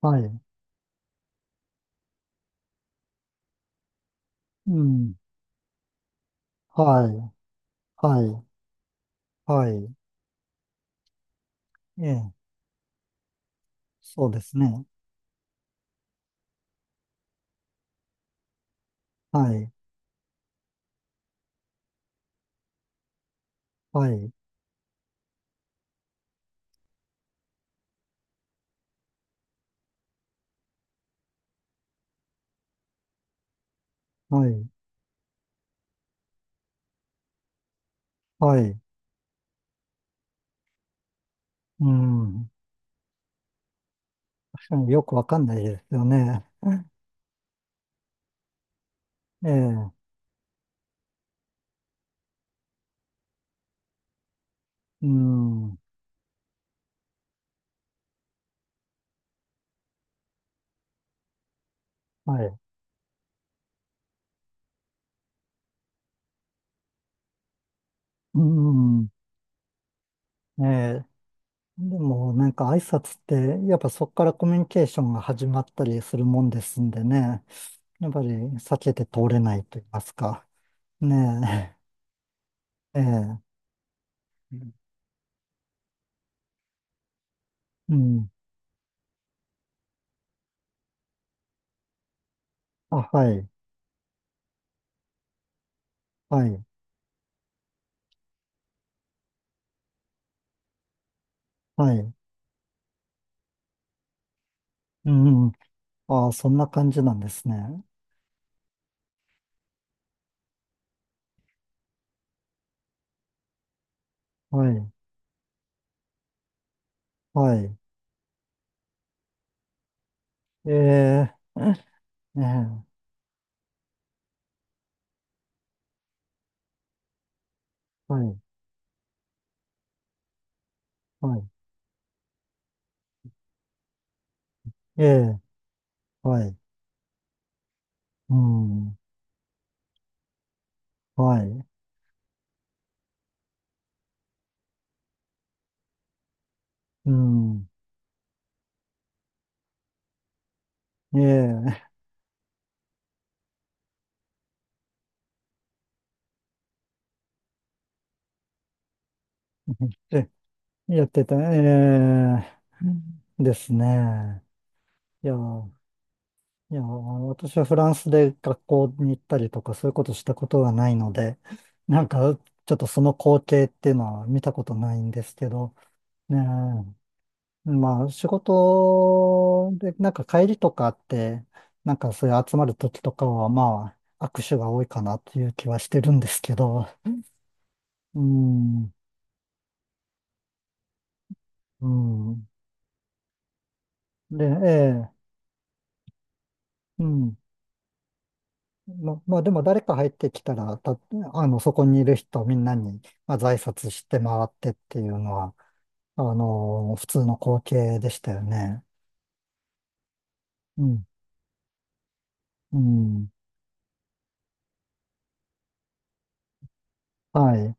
はい。うん。はい。はい。はい。ええ。そうですね。はい。はい。はい。はい。うん。確かによくわかんないですよね。ええ。うん。はい。うん。ええ。でも、なんか挨拶って、やっぱそこからコミュニケーションが始まったりするもんですんでね。やっぱり避けて通れないと言いますか。ねえ。ええ。うん。あ、はい。はい。はい。うん。ああ、そんな感じなんですね。はい。はい。ええ、ええ、はい。はい。ええ、はい。うん。はい。うん。ええ、えやってた。ええ、ですね。いや、いや、私はフランスで学校に行ったりとか、そういうことしたことがないので、なんか、ちょっとその光景っていうのは見たことないんですけど、ね。まあ、仕事で、なんか帰りとかあって、なんかそういう集まる時とかは、まあ、握手が多いかなっていう気はしてるんですけど、うん、うん。で、ええ、うん。ま、まあ、でも誰か入ってきたら、あの、そこにいる人みんなに、まあ、在拶して回ってっていうのは、あの、普通の光景でしたよね。うん、うん、はい、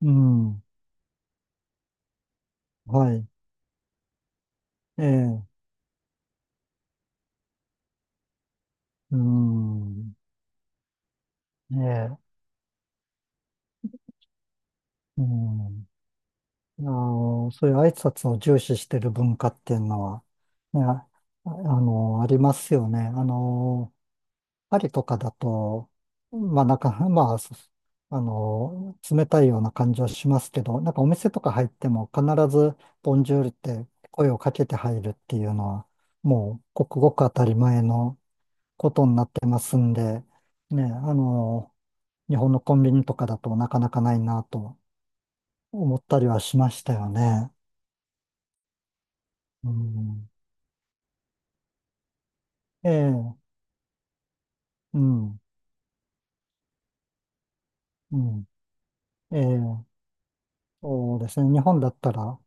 うん、はい、ええ、うん、ええ。うん、あの、そういう挨拶を重視してる文化っていうのは、ね、ああの、ありますよね。あの、パリとかだと、まあ、なんか、まあ、あの、冷たいような感じはしますけど、なんかお店とか入っても必ず、ボンジュールって声をかけて入るっていうのは、もう、ごくごく当たり前のことになってますんで、ね、あの、日本のコンビニとかだとなかなかないなと思ったりはしましたよね。うん。ええ、うん、うん、ええ、そうですね。日本だったら、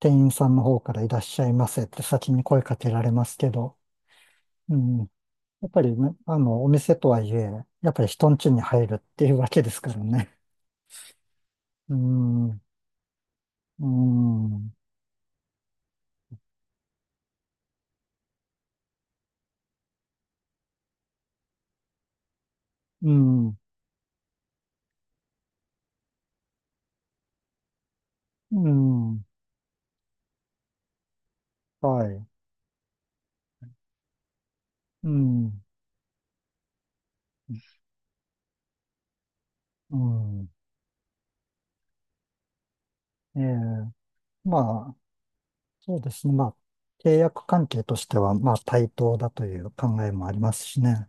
店員さんの方からいらっしゃいませって先に声かけられますけど、うん、やっぱりね、あの、お店とはいえ、やっぱり人ん家に入るっていうわけですからね。うん、うん、うん、うん、はい、うん、うん、ええ、まあ、そうですね。まあ、契約関係としては、まあ、対等だという考えもありますしね。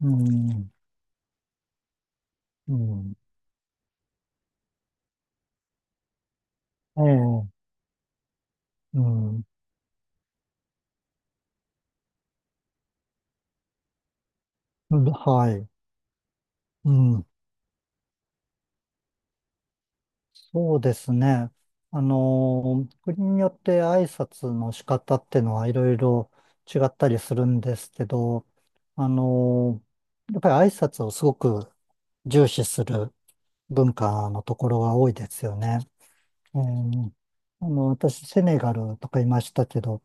うんうん。ええ、うん。はい。うん。そうですね。国によって挨拶の仕方ってのはいろいろ違ったりするんですけど、あのやっぱり挨拶をすごく重視する文化のところが多いですよね。えーあの、私、セネガルとかいましたけど、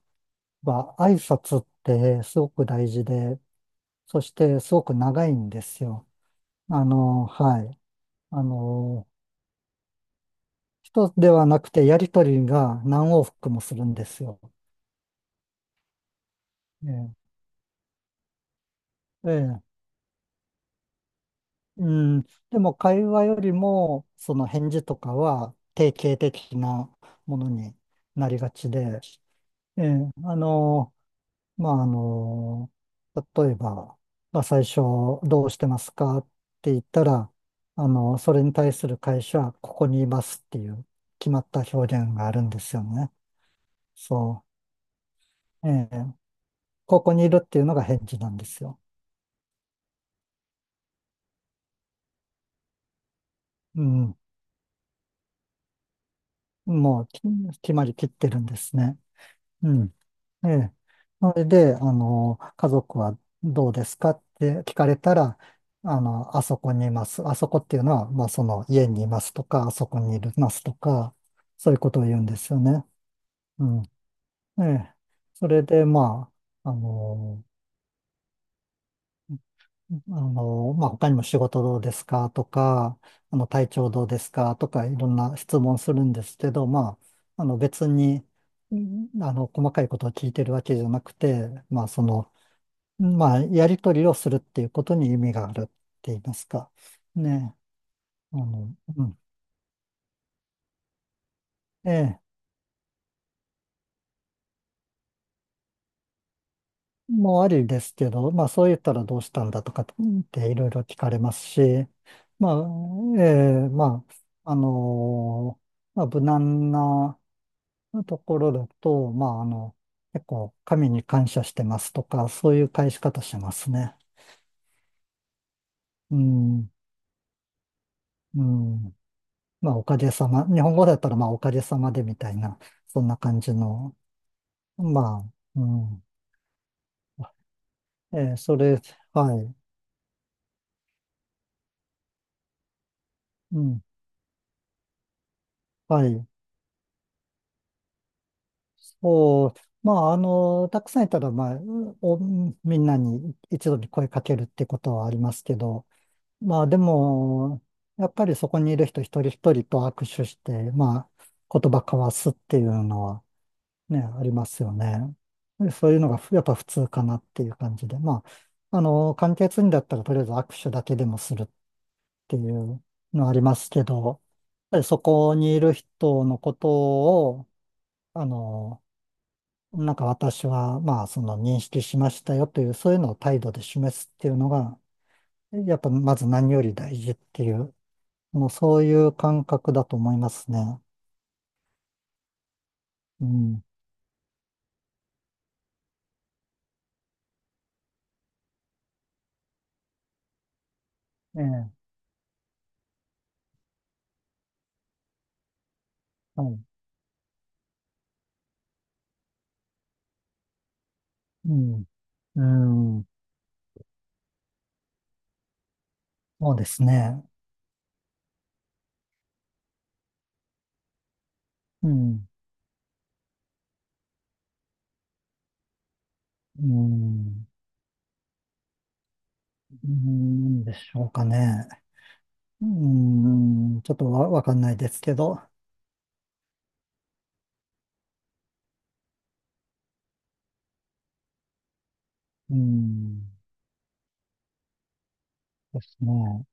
まあ挨拶ってすごく大事で、そしてすごく長いんですよ。あの、はい。あの、一つではなくてやりとりが何往復もするんですよ。ええ、ええ、うん。でも会話よりも、その返事とかは定型的なものになりがちで、ええ、あの、まあ、あの、例えば、まあ、最初、どうしてますかって言ったら、あの、それに対する会社は、ここにいますっていう決まった表現があるんですよね。そう。ええ、ここにいるっていうのが返事なんですよ。うん。もう、き決まりきってるんですね。うん。ええ。それで、あの、家族はどうですかって聞かれたら、あの、あそこにいます。あそこっていうのは、まあ、その家にいますとか、あそこにいますとか、そういうことを言うんですよね。うん。ええ。それで、まあ、あの、まあ、他にも仕事どうですかとか、あの、体調どうですかとか、いろんな質問するんですけど、まあ、あの、別に、あの、細かいことを聞いてるわけじゃなくて、まあ、その、まあ、やり取りをするっていうことに意味があるって言いますか。ね。あの、うん。ええ、もうありですけど、まあ、そう言ったらどうしたんだとかっていろいろ聞かれますし、まあ、ええ、まあ、まあ、無難な、のところだと、まあ、あの、結構神に感謝してますとか、そういう返し方しますね。うん、うん。まあ、おかげさま。日本語だったら、まあ、おかげさまでみたいな、そんな感じの。まあ、うん。それ、はい。うん。はい。そう。まあ、あの、たくさんいたら、まあ、お、みんなに一度に声かけるってことはありますけど、まあでも、やっぱりそこにいる人一人一人と握手して、まあ言葉交わすっていうのはね、ありますよね。でそういうのがやっぱ普通かなっていう感じで、まあ、あの、簡潔にだったらとりあえず握手だけでもするっていうのありますけど、やっぱりそこにいる人のことを、あの、なんか私はまあその認識しましたよという、そういうのを態度で示すっていうのが、やっぱまず何より大事っていうもうそういう感覚だと思いますね。うん。ええ、はい。うん。うん。そうですね。うん。うん。うん、でしょうかね。うん。ちょっとわかんないですけど。うん。ですね。